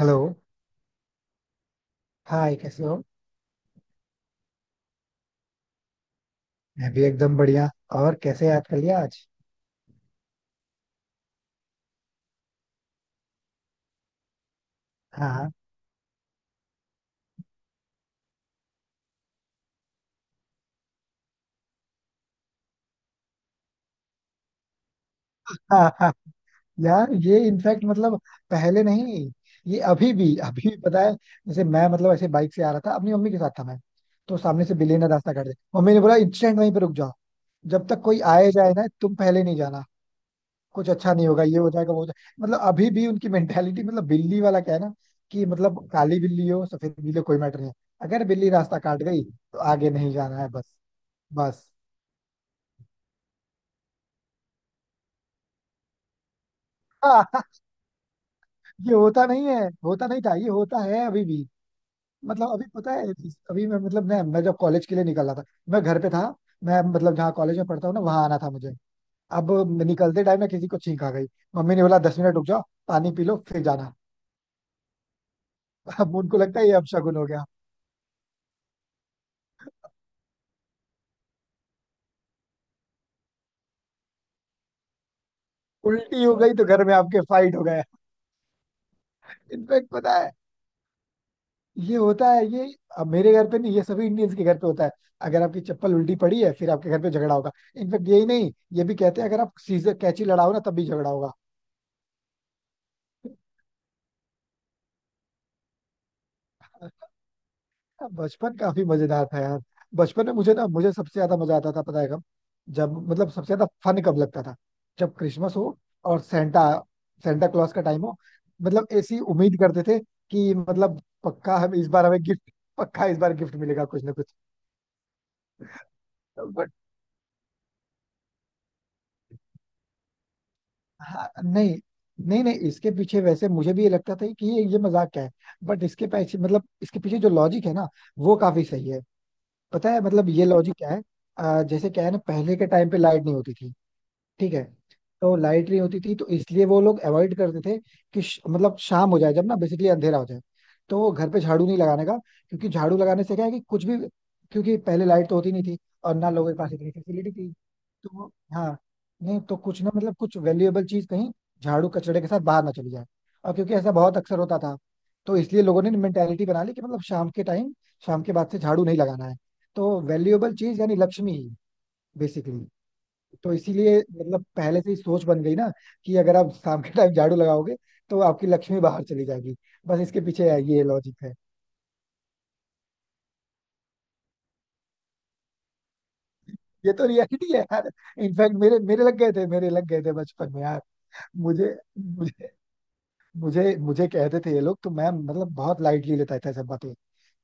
Hello. Hi, कैसे हो। मैं भी एकदम बढ़िया। और कैसे याद कर लिया आज। हाँ, हाँ, हाँ। यार, ये इनफैक्ट मतलब पहले नहीं। ये अभी भी पता है। जैसे मैं मतलब ऐसे बाइक से आ रहा था, अपनी मम्मी के साथ था मैं। तो सामने से बिल्ली ने रास्ता काट दिया। मम्मी ने बोला, इंस्टेंट वहीं पे रुक जाओ। जब तक कोई आए जाए ना, तुम पहले नहीं जाना। कुछ अच्छा नहीं होगा, ये हो जाएगा, वो हो जाएगा। मतलब अभी भी उनकी मेंटेलिटी, मतलब बिल्ली वाला क्या है ना। कि मतलब काली बिल्ली हो, सफेद बिल्ली हो, कोई मैटर नहीं है। अगर बिल्ली रास्ता काट गई तो आगे नहीं जाना है, बस। बस। हाँ। ये होता नहीं है, होता नहीं था? ये होता है अभी भी। मतलब अभी पता है। अभी मैं मतलब मैं जब कॉलेज के लिए निकल रहा था, मैं घर पे था। मैं मतलब जहाँ कॉलेज में पढ़ता हूँ ना, वहां आना था मुझे। अब निकलते टाइम मैं किसी को छींक आ गई। मम्मी ने बोला, 10 मिनट रुक जाओ। पानी पी लो फिर जाना। अब उनको लगता है ये अपशगुन हो गया। उल्टी हो गई तो घर में आपके फाइट हो गया। इनफेक्ट पता है, ये होता है ये। अब मेरे घर पे नहीं, ये सभी इंडियंस के घर पे होता है। अगर आपकी चप्पल उल्टी पड़ी है, फिर आपके घर पे झगड़ा होगा। इनफेक्ट यही नहीं, ये भी कहते हैं अगर आप सीजर कैची लड़ाओ ना, तब भी झगड़ा होगा। हाँ, बचपन काफी मजेदार था यार। बचपन में मुझे सबसे ज्यादा मजा आता था, पता है कब? जब मतलब सबसे ज्यादा फन कब लगता था? जब क्रिसमस हो और सेंटा सेंटा क्लॉज का टाइम हो। मतलब ऐसी उम्मीद करते थे, कि मतलब पक्का, हम इस बार हमें गिफ्ट, पक्का इस बार गिफ्ट मिलेगा कुछ ना कुछ। बट हाँ, नहीं, नहीं, नहीं, इसके पीछे वैसे मुझे भी ये लगता था कि ये मजाक क्या है। बट इसके पीछे, मतलब इसके पीछे जो लॉजिक है ना, वो काफी सही है। पता है मतलब ये लॉजिक क्या है? जैसे क्या है ना, पहले के टाइम पे लाइट नहीं होती थी। ठीक है। तो लाइट नहीं होती थी, तो इसलिए वो लोग अवॉइड करते थे। कि मतलब शाम हो जाए जब, ना बेसिकली अंधेरा हो जाए। तो वो घर पे झाड़ू नहीं लगाने का। क्योंकि झाड़ू लगाने से क्या है कि कुछ भी। क्योंकि पहले लाइट तो होती नहीं थी, और ना लोगों के पास इतनी फैसिलिटी थी। हाँ। नहीं तो कुछ ना, मतलब कुछ वैल्यूएबल चीज कहीं झाड़ू कचड़े के साथ बाहर ना चली जाए। और क्योंकि ऐसा बहुत अक्सर होता था, तो इसलिए लोगों ने मेंटेलिटी बना ली कि मतलब शाम के बाद से झाड़ू नहीं लगाना है। तो वैल्यूएबल चीज यानी लक्ष्मी, बेसिकली। तो इसीलिए मतलब पहले से ही सोच बन गई ना, कि अगर आप शाम के टाइम झाड़ू लगाओगे तो आपकी लक्ष्मी बाहर चली जाएगी। बस इसके पीछे है, ये लॉजिक है। ये तो रियलिटी है यार। इनफैक्ट मेरे मेरे लग गए थे मेरे लग गए थे बचपन में यार। मुझे मुझे मुझे मुझे कहते थे ये लोग, तो मैं मतलब बहुत लाइटली लेता था सब बातें।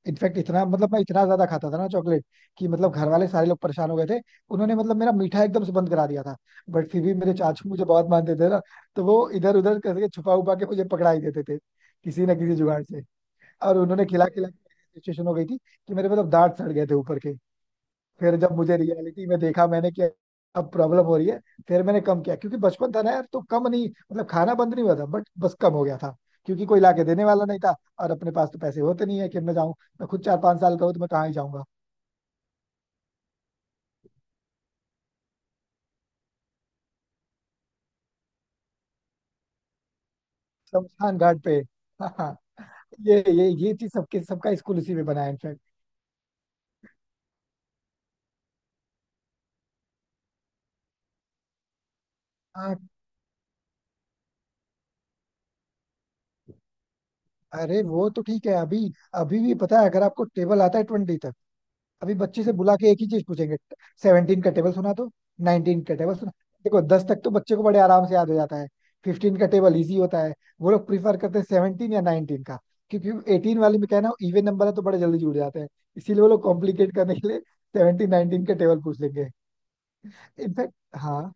इनफैक्ट इतना, मतलब मैं इतना ज्यादा खाता था ना चॉकलेट, कि मतलब घर वाले सारे लोग परेशान हो गए थे। उन्होंने मतलब मेरा मीठा एकदम से बंद करा दिया था। बट फिर भी मेरे चाचू मुझे बहुत मानते थे ना, तो वो इधर उधर करके छुपा उपा के मुझे पकड़ा ही देते थे, किसी ना किसी जुगाड़ से। और उन्होंने खिला खिला के ऐसी सिचुएशन हो गई थी कि मेरे मतलब दांत सड़ गए थे ऊपर के। फिर जब मुझे रियलिटी में देखा मैंने कि अब प्रॉब्लम हो रही है, फिर मैंने कम किया। क्योंकि बचपन था ना यार, तो कम नहीं, मतलब खाना बंद नहीं हुआ था, बट बस कम हो गया था। क्योंकि कोई लाके देने वाला नहीं था, और अपने पास तो पैसे होते नहीं है कि मैं जाऊं। मैं खुद 4-5 साल का हूं, तो मैं कहाँ ही जाऊंगा। शमशान घाट पे। हाँ। ये चीज सबके, सबका स्कूल इसी में बना है इनफैक्ट। हाँ। अरे वो तो ठीक है अभी। अभी भी पता है, अगर आपको टेबल आता है 20। अभी बच्चे से बुला के एक ही चीज पूछेंगे, 17 का टेबल सुना तो? 19 का टेबल सुना? देखो, 10 तक तो बच्चे को बड़े आराम से याद हो जाता है। 15 का टेबल इजी होता है। वो लोग प्रीफर करते हैं 17 या 19 का। क्योंकि 18 वाले में कहना इवन नंबर है, तो बड़े जल्दी जुड़ जाते हैं। इसीलिए वो लोग कॉम्प्लिकेट करने के लिए 17, 19 का टेबल पूछ लेंगे। इनफैक्ट। हाँ।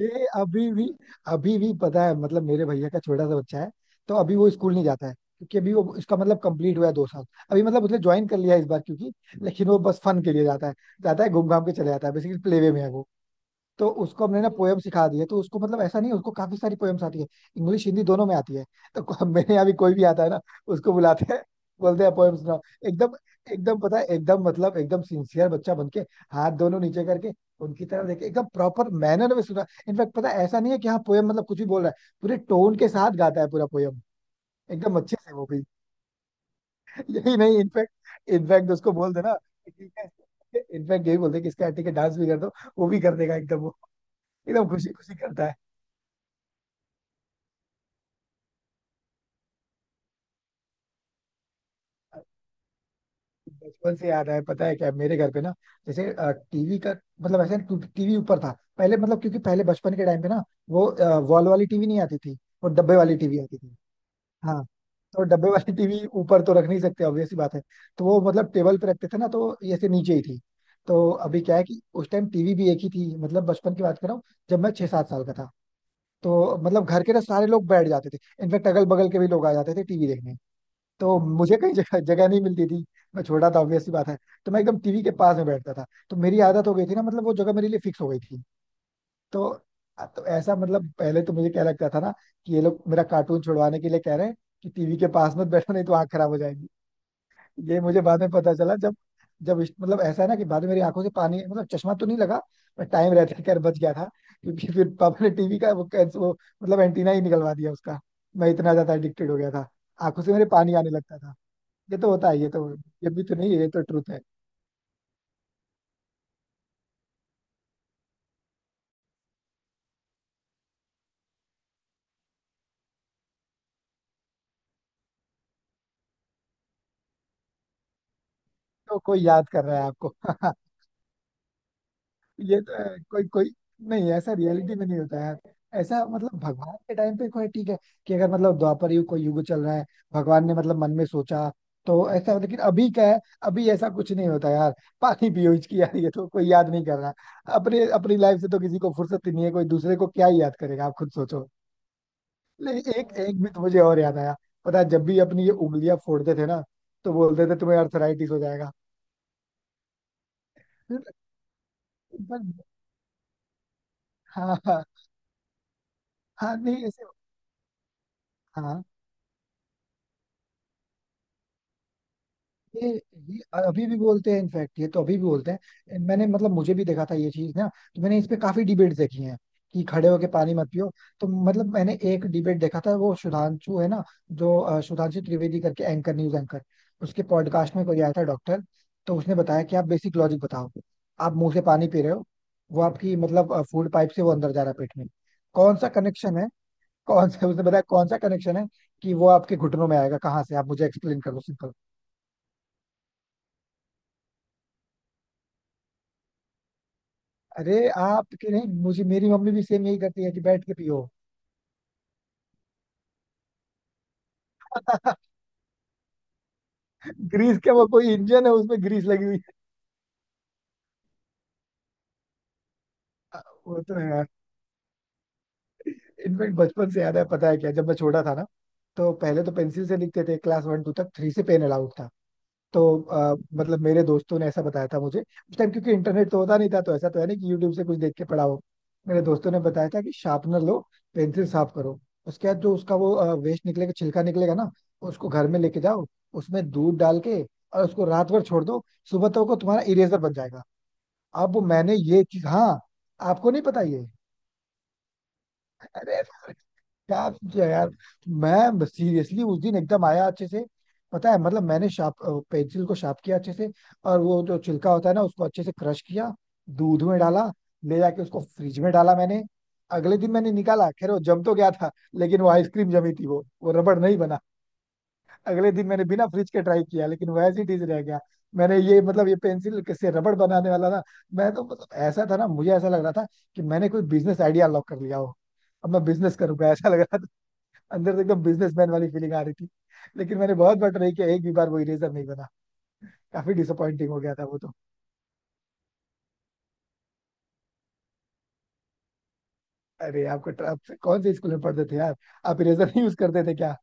ये अभी भी पता है, मतलब मेरे भैया का छोटा सा बच्चा है। तो अभी वो स्कूल नहीं जाता है, क्योंकि अभी वो इसका मतलब कंप्लीट हुआ है 2 साल। अभी मतलब उसने ज्वाइन कर लिया है इस बार, क्योंकि लेकिन वो बस फन के लिए जाता है। जाता है, घूम घाम के चले जाता है, बेसिकली प्ले वे में है वो। तो उसको हमने ना पोएम सिखा दी है, तो उसको मतलब ऐसा नहीं है, उसको काफी सारी पोएम्स आती है। इंग्लिश हिंदी दोनों में आती है। मेरे यहाँ भी कोई भी आता है ना, उसको बुलाते हैं, बोलते हैं पोएम सुनाओ। एकदम। एकदम, पता है, एकदम मतलब एकदम सिंसियर बच्चा बन के, हाथ दोनों नीचे करके, उनकी तरफ देखे, एकदम प्रॉपर मैनर में सुना। इनफैक्ट पता है, ऐसा नहीं है कि हाँ, पोएम मतलब कुछ भी बोल रहा है। पूरे टोन के साथ गाता है पूरा पोएम, एकदम अच्छे से, वो भी। यही नहीं, इनफैक्ट इनफैक्ट उसको बोल देना कि ठीक है। इनफैक्ट यही बोलते हैं कि इसका ठीक है, डांस भी कर दो। वो भी कर देगा, एकदम वो। एकदम खुशी खुशी करता है। बचपन से याद है, पता है क्या, मेरे घर पे ना, जैसे टीवी का, मतलब ऐसे टीवी ऊपर था। पहले मतलब, क्योंकि पहले बचपन के टाइम पे ना, वो वॉल वाली टीवी नहीं आती थी। वो डब्बे वाली टीवी आती थी। हाँ। तो डब्बे वाली टीवी ऊपर तो रख नहीं सकते, ऑब्वियस सी बात है। तो वो मतलब टेबल पे रखते थे ना, तो ये ऐसे नीचे ही थी। तो अभी क्या है कि उस टाइम टीवी भी एक ही थी, मतलब बचपन की बात कर रहा हूँ, जब मैं 6-7 साल का था। तो मतलब घर के ना सारे लोग बैठ जाते थे। इनफेक्ट अगल बगल के भी लोग आ जाते थे टीवी देखने। तो मुझे कहीं जगह जगह नहीं मिलती थी, मैं छोटा था, ऑब्वियस सी बात है। तो मैं एकदम टीवी के पास में बैठता था, तो मेरी आदत हो गई थी ना, मतलब वो जगह मेरे लिए फिक्स हो गई थी। तो तो ऐसा मतलब, पहले तो मुझे क्या लगता था ना, कि ये लोग मेरा कार्टून छुड़वाने के लिए कह रहे हैं कि टीवी के पास मत बैठो, नहीं तो आंख खराब हो जाएगी। ये मुझे बाद में पता चला, जब जब इस- मतलब ऐसा है ना कि बाद में मेरी आंखों से पानी, मतलब चश्मा तो नहीं लगा, पर टाइम रहते खैर बच गया था। क्योंकि फिर पापा ने टीवी का वो मतलब एंटीना ही निकलवा दिया उसका। मैं इतना ज्यादा एडिक्टेड हो गया था, आंखों से मेरे पानी आने लगता था। ये तो होता है, ये तो। ये भी तो नहीं है, ये तो ट्रुथ है। तो कोई याद कर रहा है आपको। ये तो है, कोई कोई। नहीं, ऐसा रियलिटी में नहीं होता है। ऐसा मतलब भगवान के टाइम पे कोई ठीक है, कि अगर मतलब द्वापर युग, कोई युग चल रहा है, भगवान ने मतलब मन में सोचा, तो ऐसा। लेकिन अभी क्या है, अभी ऐसा कुछ नहीं होता यार। पानी पियो इसकी, यार ये तो कोई याद नहीं कर रहा। अपने अपनी लाइफ से तो किसी को फुर्सत ही नहीं है, कोई दूसरे को क्या ही याद करेगा, आप खुद सोचो। लेकिन एक, एक भी तो मुझे और याद आया। पता है, जब भी अपनी ये उंगलियां फोड़ते थे ना, तो बोलते थे तुम्हें अर्थराइटिस हो जाएगा। फिर बस- हाँ, हाँ, हाँ। नहीं, ऐसे। हाँ। ये ये अभी भी बोलते हैं, इनफैक्ट ये तो अभी भी बोलते हैं। मैंने मतलब मुझे भी देखा था ये चीज ना, तो मैंने इस पे काफी डिबेट्स देखी हैं, कि खड़े होके पानी मत पियो। तो मतलब मैंने एक डिबेट देखा था, वो सुधांशु है ना, जो सुधांशु त्रिवेदी करके एंकर, न्यूज एंकर, उसके पॉडकास्ट में कोई आया था डॉक्टर। तो उसने बताया कि आप बेसिक लॉजिक बताओ। आप मुंह से पानी पी रहे हो, वो आपकी मतलब फूड पाइप से वो अंदर जा रहा है पेट में। कौन सा कनेक्शन है? कौन सा, उसने बताया कौन सा कनेक्शन है कि वो आपके घुटनों में आएगा? कहाँ से? आप मुझे एक्सप्लेन करो, सिंपल। अरे आपके नहीं, मुझे मेरी मम्मी भी सेम यही करती है कि बैठ के पियो। ग्रीस क्या, वो कोई इंजन है उसमें ग्रीस लगी हुई है? हाँ, वो तो है यार। इनफेक्ट बचपन से याद है, पता है क्या, जब मैं छोटा था ना, तो पहले तो पेंसिल से लिखते थे, क्लास वन टू तक, थ्री से पेन अलाउड था। तो मतलब मेरे दोस्तों ने ऐसा बताया था मुझे उस टाइम, क्योंकि इंटरनेट तो होता नहीं था, तो ऐसा तो है नहीं कि यूट्यूब से कुछ देख के पढ़ा हो। मेरे दोस्तों ने बताया था कि शार्पनर लो, पेंसिल साफ करो। उसके बाद जो उसका वो वेस्ट निकलेगा, छिलका निकलेगा ना, उसको घर में लेके जाओ। उसमें दूध डाल के और उसको रात भर छोड़ दो, सुबह तक को तुम्हारा इरेजर बन जाएगा। अब मैंने ये चीज। हाँ, आपको नहीं पता ये? अरे, क्या जो यार। मैं सीरियसली उस दिन एकदम आया अच्छे से। पता है, मतलब मैंने शार्प पेंसिल को शार्प किया अच्छे से, और वो जो छिलका होता है ना, उसको अच्छे से क्रश किया, दूध में डाला, ले जाके उसको फ्रिज में डाला मैंने। अगले दिन मैंने निकाला, खैर वो जम तो गया था, लेकिन वो आइसक्रीम जमी थी, वो रबड़ नहीं बना। अगले दिन मैंने बिना फ्रिज के ट्राई किया, लेकिन वो एज इट इज रह गया। मैंने ये मतलब ये पेंसिल से रबड़ बनाने वाला ना, मैं तो मतलब ऐसा था ना, मुझे ऐसा लग रहा था कि मैंने कोई बिजनेस आइडिया लॉक कर लिया हो। अब मैं बिजनेस करूंगा, ऐसा लग रहा था। अंदर से एकदम बिजनेसमैन वाली फीलिंग आ रही थी। लेकिन मैंने बहुत बार ट्राई किया, एक भी बार वो इरेजर नहीं बना। काफी डिसअपॉइंटिंग हो गया था वो तो। अरे आपको आप कौन से स्कूल में पढ़ते थे यार, आप इरेजर नहीं यूज करते थे क्या?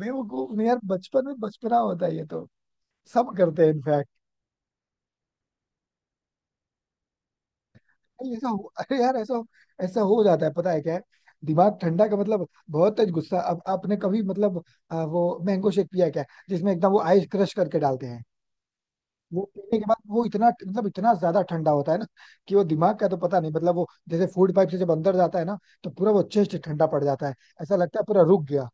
बेवकूफ नहीं यार, बचपन में बचपना होता है ये तो, सब करते हैं इनफैक्ट। नहीं, अरे यार, ऐसा ऐसा हो जाता है, पता है क्या है। दिमाग ठंडा का मतलब बहुत तेज गुस्सा। अब आपने कभी मतलब, वो मैंगो शेक पिया क्या, जिसमें एकदम वो आइस क्रश करके डालते हैं? वो पीने के बाद वो इतना, मतलब इतना ज्यादा ठंडा होता है ना, कि वो दिमाग का तो पता नहीं, मतलब वो जैसे फूड पाइप से जब अंदर जाता है ना, तो पूरा वो चेस्ट ठंडा पड़ जाता है। ऐसा लगता है पूरा रुक गया।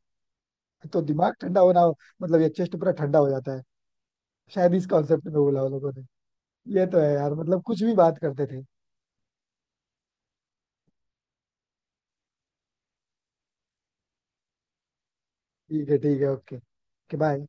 तो दिमाग ठंडा होना, मतलब ये चेस्ट पूरा ठंडा हो जाता है। शायद इस कॉन्सेप्ट में बोला उन लोगों ने। ये तो है यार, मतलब कुछ भी बात करते थे। ठीक है, ठीक है, ओके, बाय।